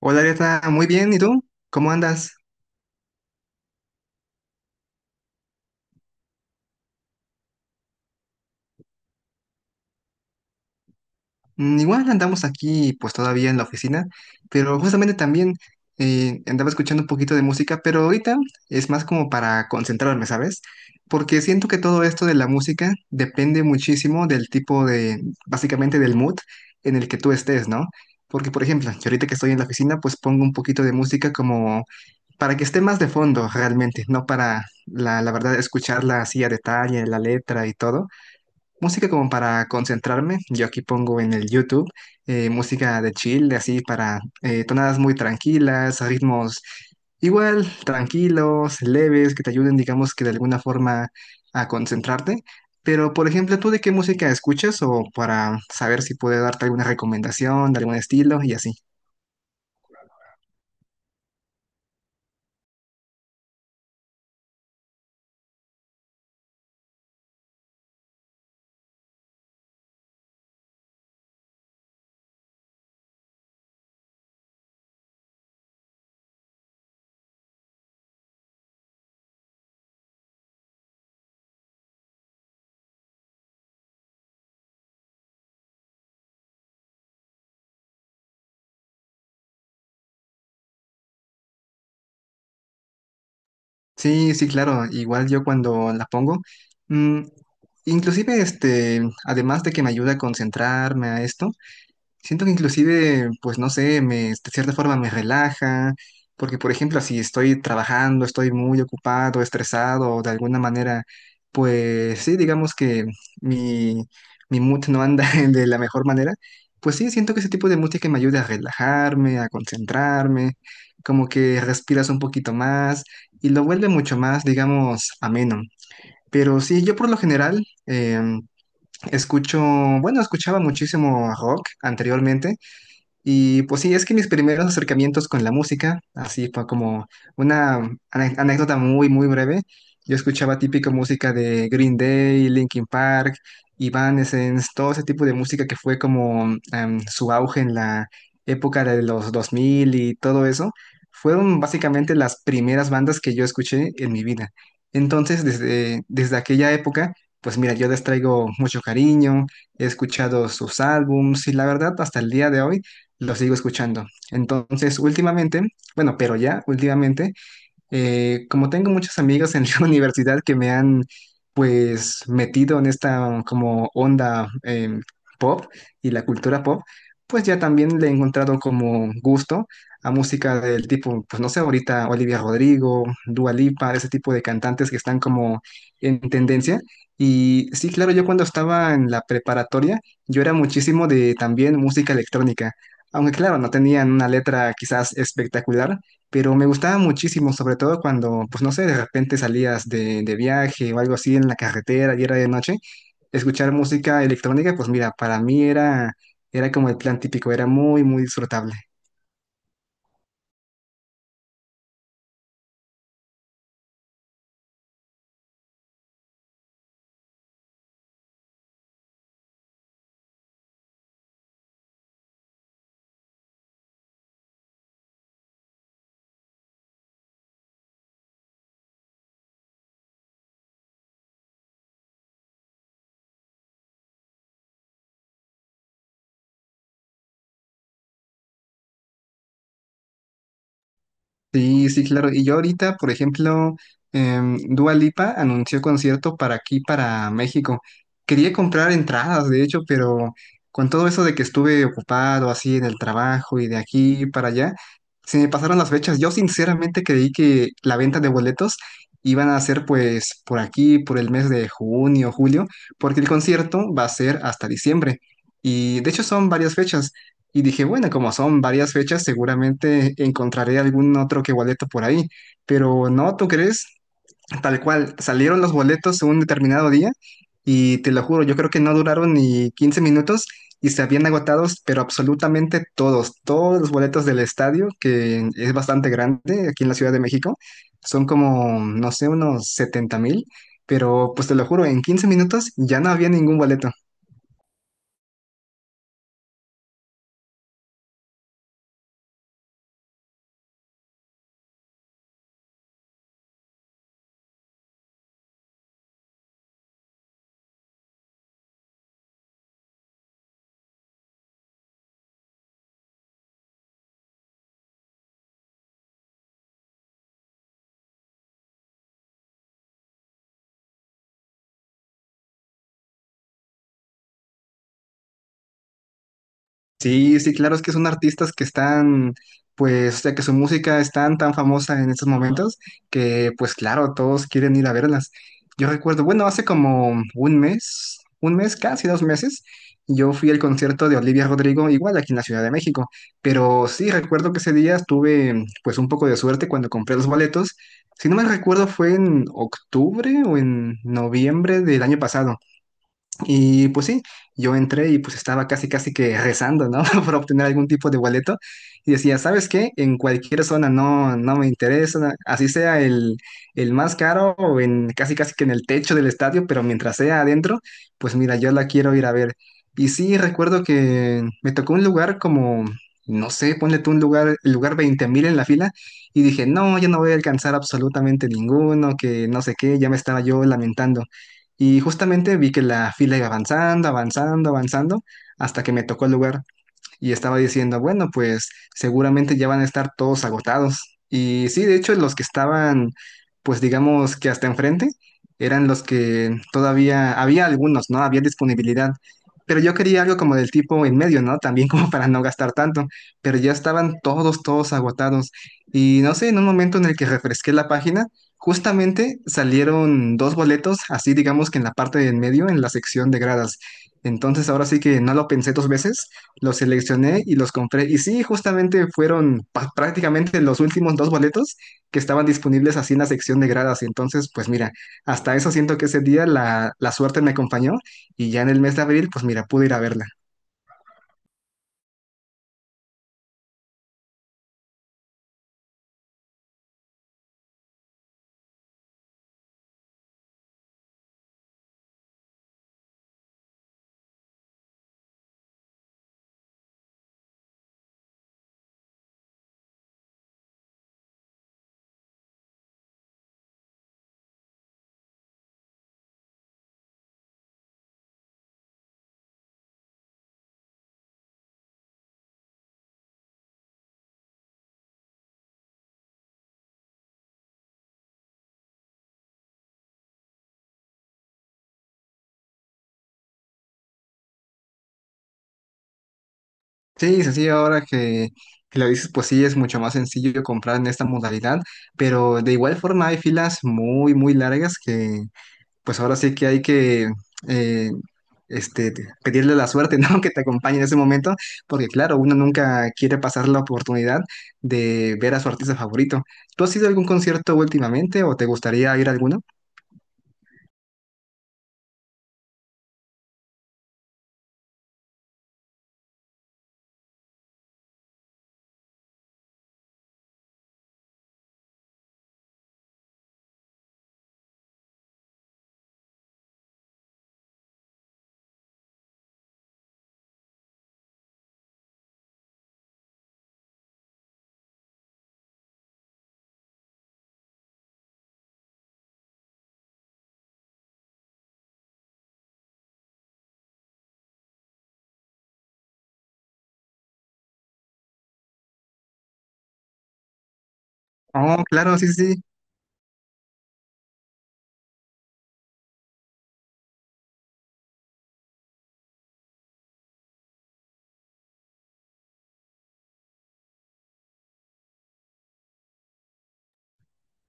Hola, Arieta, muy bien, ¿y tú? ¿Cómo andas? Igual andamos aquí, pues todavía en la oficina, pero justamente también andaba escuchando un poquito de música, pero ahorita es más como para concentrarme, ¿sabes? Porque siento que todo esto de la música depende muchísimo del tipo de, básicamente del mood en el que tú estés, ¿no? Porque, por ejemplo, yo ahorita que estoy en la oficina, pues pongo un poquito de música como para que esté más de fondo realmente, no para, la verdad, escucharla así a detalle, la letra y todo. Música como para concentrarme, yo aquí pongo en el YouTube música de chill, así para tonadas muy tranquilas, ritmos igual, tranquilos, leves, que te ayuden, digamos que de alguna forma a concentrarte. Pero, por ejemplo, ¿tú de qué música escuchas o para saber si puedo darte alguna recomendación de algún estilo y así? Sí, sí, claro, igual yo cuando la pongo, mm, inclusive este, además de que me ayuda a concentrarme a esto. Siento que inclusive, pues no sé, me, de cierta forma me relaja, porque por ejemplo, si estoy trabajando, estoy muy ocupado, estresado, o de alguna manera, pues sí, digamos que mi, mi mood no anda de la mejor manera, pues sí, siento que ese tipo de música me ayuda a relajarme, a concentrarme, como que respiras un poquito más y lo vuelve mucho más, digamos, ameno. Pero sí, yo por lo general... Escucho, bueno, escuchaba muchísimo rock anteriormente, y pues sí, es que mis primeros acercamientos con la música, así fue como una anécdota muy, muy breve. Yo escuchaba típico música de Green Day, Linkin Park, Evanescence, todo ese tipo de música que fue como su auge en la época de los 2000 y todo eso. Fueron básicamente las primeras bandas que yo escuché en mi vida. Entonces, desde aquella época, pues mira, yo les traigo mucho cariño, he escuchado sus álbums y la verdad, hasta el día de hoy lo sigo escuchando. Entonces, últimamente, bueno, pero ya últimamente como tengo muchos amigos en la universidad que me han pues metido en esta como onda pop y la cultura pop, pues ya también le he encontrado como gusto a música del tipo, pues no sé, ahorita Olivia Rodrigo, Dua Lipa, ese tipo de cantantes que están como en tendencia. Y sí, claro, yo cuando estaba en la preparatoria, yo era muchísimo de también música electrónica. Aunque claro, no tenían una letra quizás espectacular, pero me gustaba muchísimo, sobre todo cuando, pues no sé, de repente salías de viaje o algo así en la carretera y era de noche, escuchar música electrónica, pues mira, para mí era, era como el plan típico, era muy, muy disfrutable. Sí, sí, claro. Y yo ahorita, por ejemplo, Dua Lipa anunció concierto para aquí, para México. Quería comprar entradas, de hecho, pero con todo eso de que estuve ocupado así en el trabajo y de aquí para allá, se me pasaron las fechas. Yo sinceramente creí que la venta de boletos iban a ser pues por aquí, por el mes de junio, julio, porque el concierto va a ser hasta diciembre. Y de hecho son varias fechas. Y dije, bueno, como son varias fechas, seguramente encontraré algún otro que boleto por ahí. Pero no, ¿tú crees? Tal cual, salieron los boletos un determinado día y te lo juro, yo creo que no duraron ni 15 minutos y se habían agotados, pero absolutamente todos, todos los boletos del estadio, que es bastante grande aquí en la Ciudad de México, son como, no sé, unos 70,000, pero pues te lo juro, en 15 minutos ya no había ningún boleto. Sí, sí, claro, es que son artistas que están, pues, o sea, que su música es tan, tan famosa en estos momentos que, pues, claro, todos quieren ir a verlas. Yo recuerdo, bueno, hace como un mes, casi dos meses, yo fui al concierto de Olivia Rodrigo, igual aquí en la Ciudad de México, pero sí, recuerdo que ese día tuve, pues, un poco de suerte cuando compré los boletos. Si no me recuerdo, fue en octubre o en noviembre del año pasado. Y pues sí, yo entré y pues estaba casi casi que rezando, ¿no? Por obtener algún tipo de boleto. Y decía, ¿sabes qué? En cualquier zona no, no me interesa, así sea el más caro o en casi casi que en el techo del estadio, pero mientras sea adentro, pues mira, yo la quiero ir a ver. Y sí, recuerdo que me tocó un lugar como, no sé, ponle tú un lugar, el lugar 20,000 en la fila. Y dije, no, yo no voy a alcanzar absolutamente ninguno, que no sé qué, ya me estaba yo lamentando. Y justamente vi que la fila iba avanzando, avanzando, avanzando, hasta que me tocó el lugar y estaba diciendo, bueno, pues seguramente ya van a estar todos agotados. Y sí, de hecho, los que estaban, pues digamos que hasta enfrente, eran los que todavía había algunos, ¿no? Había disponibilidad. Pero yo quería algo como del tipo en medio, ¿no? También como para no gastar tanto. Pero ya estaban todos, todos agotados. Y no sé, en un momento en el que refresqué la página, justamente salieron dos boletos, así digamos que en la parte de en medio, en la sección de gradas. Entonces ahora sí que no lo pensé dos veces, los seleccioné y los compré. Y sí, justamente fueron prácticamente los últimos dos boletos que estaban disponibles así en la sección de gradas. Entonces, pues mira, hasta eso siento que ese día la, la suerte me acompañó y ya en el mes de abril, pues mira, pude ir a verla. Sí, sí, sí, ahora que lo dices, pues sí, es mucho más sencillo comprar en esta modalidad, pero de igual forma hay filas muy, muy largas que pues ahora sí que hay que... eh, este, pedirle la suerte, ¿no? Que te acompañe en ese momento, porque claro, uno nunca quiere pasar la oportunidad de ver a su artista favorito. ¿Tú has ido a algún concierto últimamente o te gustaría ir a alguno? Oh, claro, sí, sí, sí.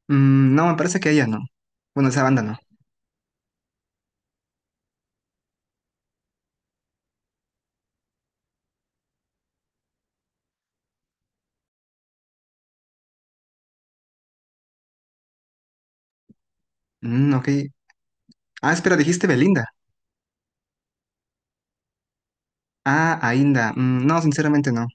Mm, no, me parece que ella no. Bueno, esa banda no. Mm, ok. Ah, espera, dijiste Belinda. Ah, Ainda. Mm, no, sinceramente no.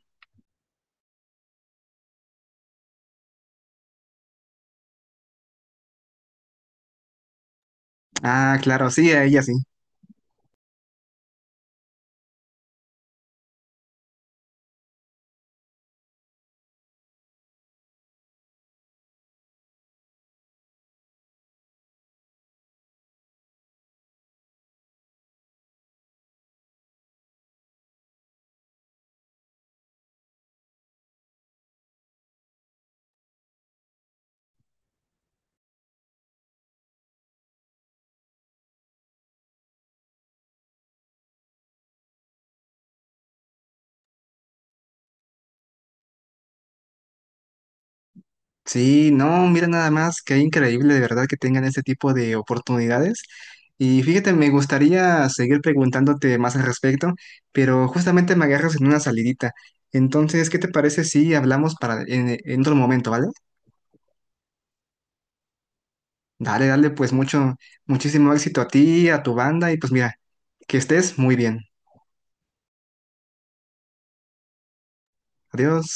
Ah, claro, sí, a ella sí. Sí, no, mira nada más, qué increíble de verdad que tengan este tipo de oportunidades. Y fíjate, me gustaría seguir preguntándote más al respecto, pero justamente me agarras en una salidita. Entonces, ¿qué te parece si hablamos para en otro momento, vale? Dale, dale, pues mucho, muchísimo éxito a ti, a tu banda y pues mira, que estés muy bien. Adiós.